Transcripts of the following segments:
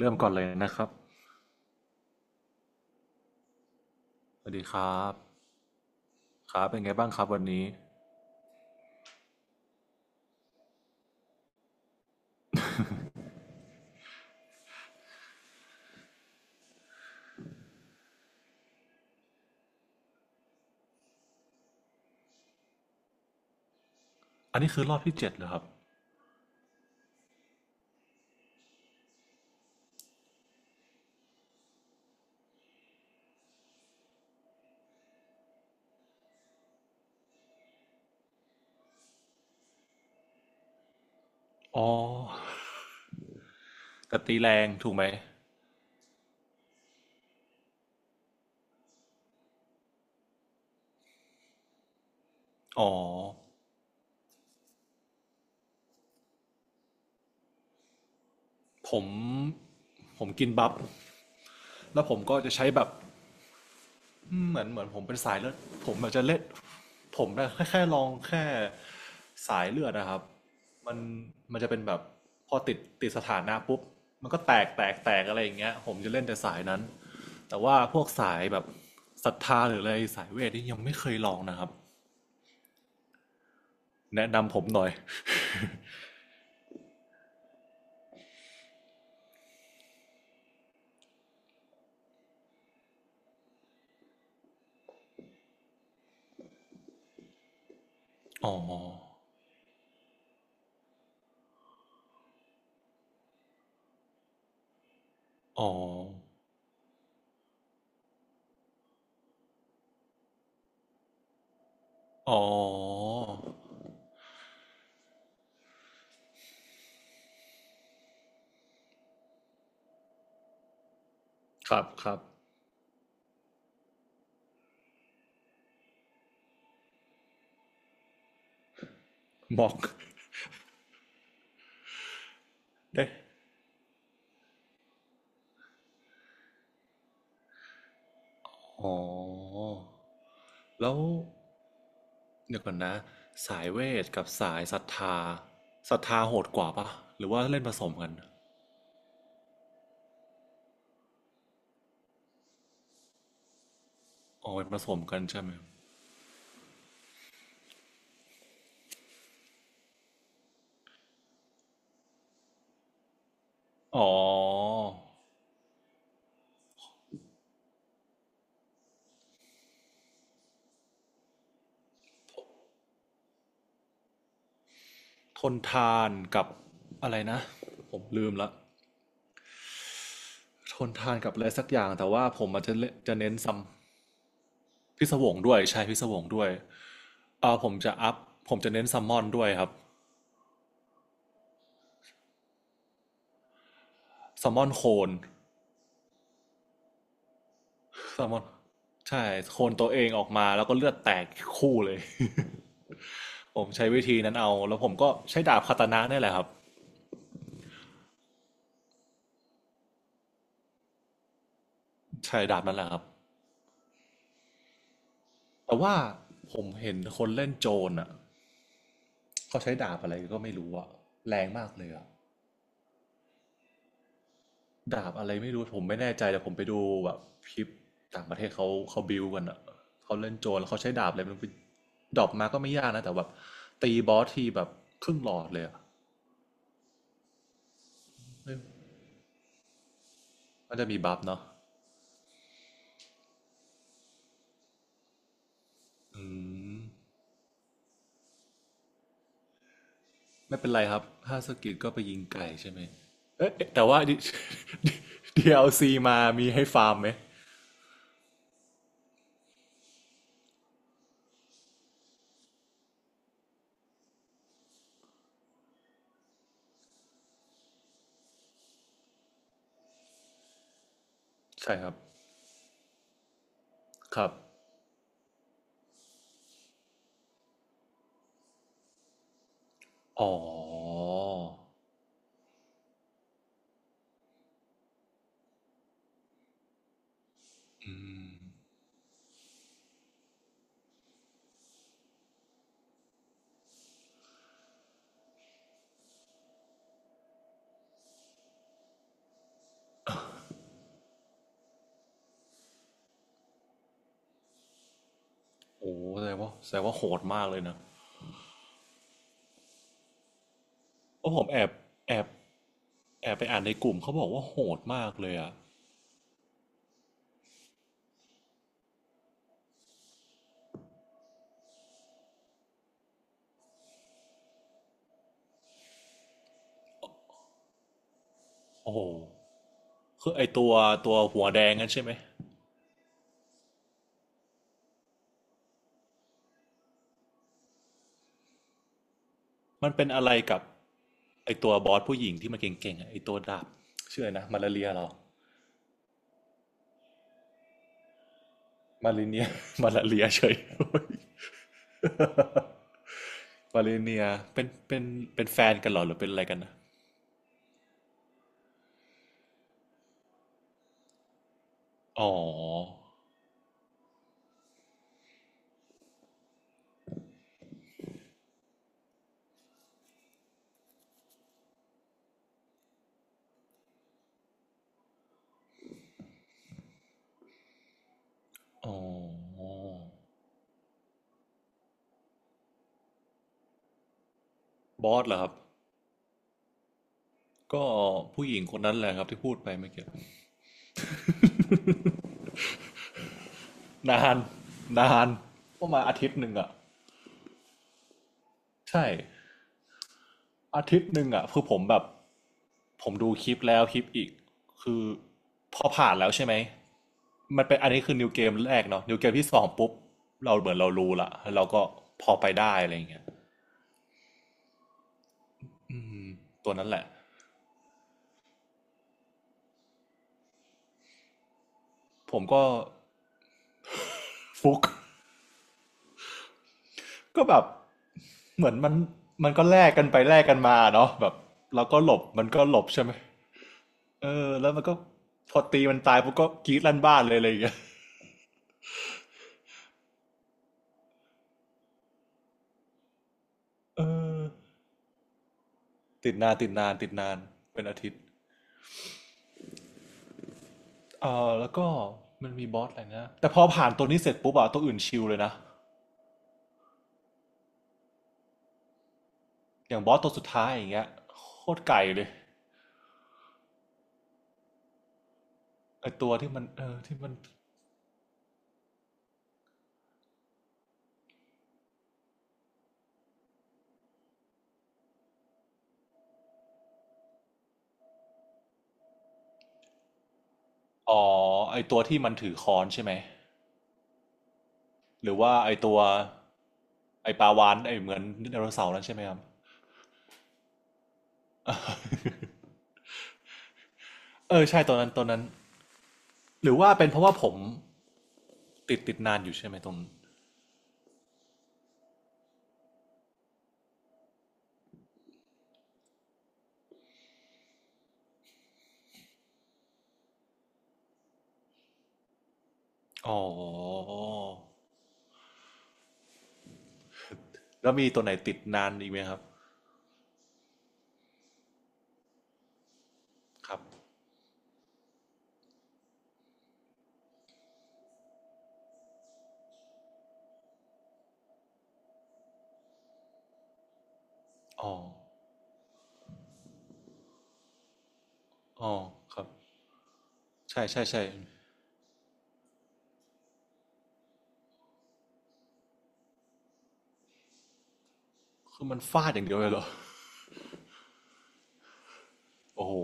เริ่มก่อนเลยนะครับ สวัสดีครับครับเป็นไงบ้างครับวันนี้ อันนี้คือรอบที่เจ็ดเหรอครับ อ๋อแต่ตีแรงถูกไหม อ๋อ ผม ผมกินบัฟแล้วผมก็จะใช้แบบ อืมเหมือนผมเป็นสายเลือดผมอาจจะเล่นผมนะแค่ลองแค่สายเลือดนะครับมันมันจะเป็นแบบพอติดสถานะปุ๊บมันก็แตกอะไรอย่างเงี้ยผมจะเล่นแต่สายนั้นแต่ว่าพวกสายแบบศรัทธาหรืออะไรสายเวทนี่ยังไม่เคยลองนะครับแนะนำผมหน่อยอ๋ออ๋ออ๋อครับครับบอกได้อ๋อแล้ว เดี๋ยวก่อนนะสายเวทกับสายศรัทธาศรัทธาโหดกว่าปะหรือว่าเล่นผสมกันอ๋อเป็นผสมกันใช่ไหมอ๋อทนทานกับอะไรนะผมลืมละทนทานกับอะไรสักอย่างแต่ว่าผมอาจจะเล่นจะเน้นซัมพิศวงด้วยใช่พิศวงด้วยผมจะอัพผมจะเน้นซัมมอนด้วยครับซัมมอนโคนซัมมอนใช่โคนตัวเองออกมาแล้วก็เลือดแตกคู่เลย ผมใช้วิธีนั้นเอาแล้วผมก็ใช้ดาบคาตานะนี่แหละครับ ใช่ดาบนั่นแหละครับแต่ว่าผมเห็นคนเล่นโจรอ่ะเขาใช้ดาบอะไรก็ไม่รู้อ่ะแรงมากเลยอ่ะดาบอะไรไม่รู้ผมไม่แน่ใจแต่ผมไปดูแบบคลิปต่างประเทศเขาบิวกันอ่ะเขาเล่นโจรแล้วเขาใช้ดาบอะไรไมันไปดรอปมาก็ไม่ยากนะแต่แบบตีบอสทีแบบครึ่งหลอดเลยอ่ะเอ้ยมันจะมีบัฟเนาะไม่เป็นไรครับถ้าสกิลก็ไปยิงไก่ใช่ไหมเอ๊ะแต่ว่า DLC มามีให้ฟาร์มไหมใช่ครับครับอ๋อ โอ้แสดงว่าแสดงว่าโหดมากเลยนะเพราะผมแอบแอบแอบไปอ่านในกลุ่มเขาบอกว่าโหดมากเลยอ่ะโอ้โหคือไอตัวตัวหัวแดงนั่นใช่ไหมมันเป็นอะไรกับไอตัวบอสผู้หญิงที่มันเก่งๆอะไอตัวดาบชื่ออะไรนะมาลาเรียเหรามาลิเนีย มาลาเรียเฉย มาลิเนียเป็นเป็นแฟนกันเหรอหรือเป็นอะไรกันนะอ๋ออ๋อบอสเหรอครับก็ผู้หญิงคนนั้นแหละครับที่พูดไปเมื่อกี้ นานนานประมาณอาทิตย์หนึ่งอะใช่อาทิตย์หนึ่งอะคือผมแบบผมดูคลิปแล้วคลิปอีกคือพอผ่านแล้วใช่ไหมมันเป็นอันนี้คือนิวเกมแรกเนาะนิวเกมที่สองปุ๊บเราเหมือนเรารู้ละแล้วเราก็พอไปได้อะไรอย่างเงี้ยตัวนั้นแหละผมก็ฟุก ก็แบบเหมือนมันก็แลกกันไปแลกกันมาเนาะแบบเราก็หลบมันก็หลบใช่ไหมเออแล้วมันก็พอตีมันตายปุ๊บก็กรี๊ดลั่นบ้านเลยอะไรอย่างเงี้ยเออ ติดนานติดนานติดนานเป็นอาทิตย์ เออแล้วก็มันมีบอสอะไรนะแต่พอผ่านตัวนี้เสร็จปุ๊บอะตัวอื่นชิลเลยนะอย่างบอสตัวสุดท้ายอย่างเงี้ยโคตรไก่เลยไอตัวที่มันเออที่มันอ๋อไอตัวที่มันถือค้อนใช่ไหมหรือว่าไอตัวไอปลาวานไอเหมือนไดโนเสาร์นั่นใช่ไหมครับเออใช่ตัวนั้นตัวนั้นหรือว่าเป็นเพราะว่าผมติดนานอยู่ใช่ไหมตรงอ๋อแล้วมีตัวไหนติดนานอีกไหมครับครับอ๋ออ๋อครับ ใช่ใช่ใช่ คือมันฟาดอย่างเดียวเลยเหรอ โอ้โห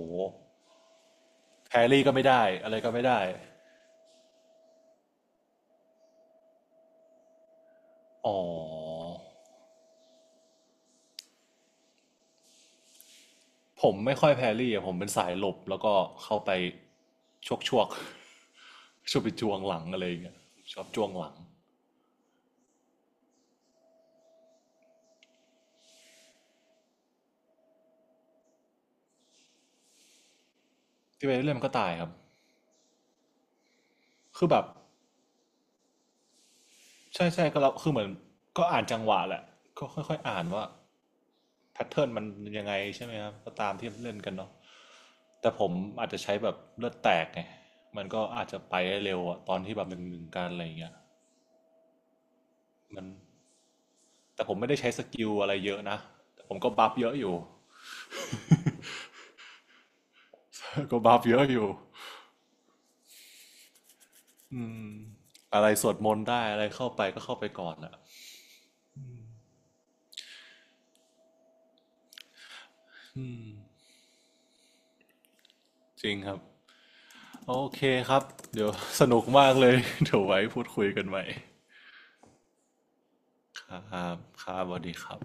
แพรรี่ก็ไม่ได้ อะไรก็ไม่ได้ อ๋อ ผมไม่ค่อยแพรรี่อะผมเป็นสายหลบแล้วก็เข้าไปชกชวก ชวกไปจวงหลังอะไรอย่างเงี้ยชอบจวงหลัง ที่ไปเรื่อยมันก็ตายครับ คือแบบใช่ใช่ก็เราคือเหมือนก็อ่านจังหวะแหละก็ค่อยๆอ่านว่าแพทเทิร์นมันยังไงใช่ไหมครับก็ตามที่เล่นกันเนาะแต่ผมอาจจะใช้แบบเลือดแตกไงมันก็อาจจะไปได้เร็วอะตอนที่แบบหนึ่งหนึ่งกันอะไรอย่างเงี้ยมัน แต่ผมไม่ได้ใช้สกิลอะไรเยอะนะแต่ผมก็บัฟเยอะอยู่ ก็บัฟเยอะอยู่ อะไรสวดมนต์ได้ อะไรเข้าไปก็เข้าไปก่อนอะจริงครับ โอเคครับ เดี๋ยวสนุกมากเลย เดี๋ยวไว้พูดคุยกันใหม่ครับครับสวัสดีครับ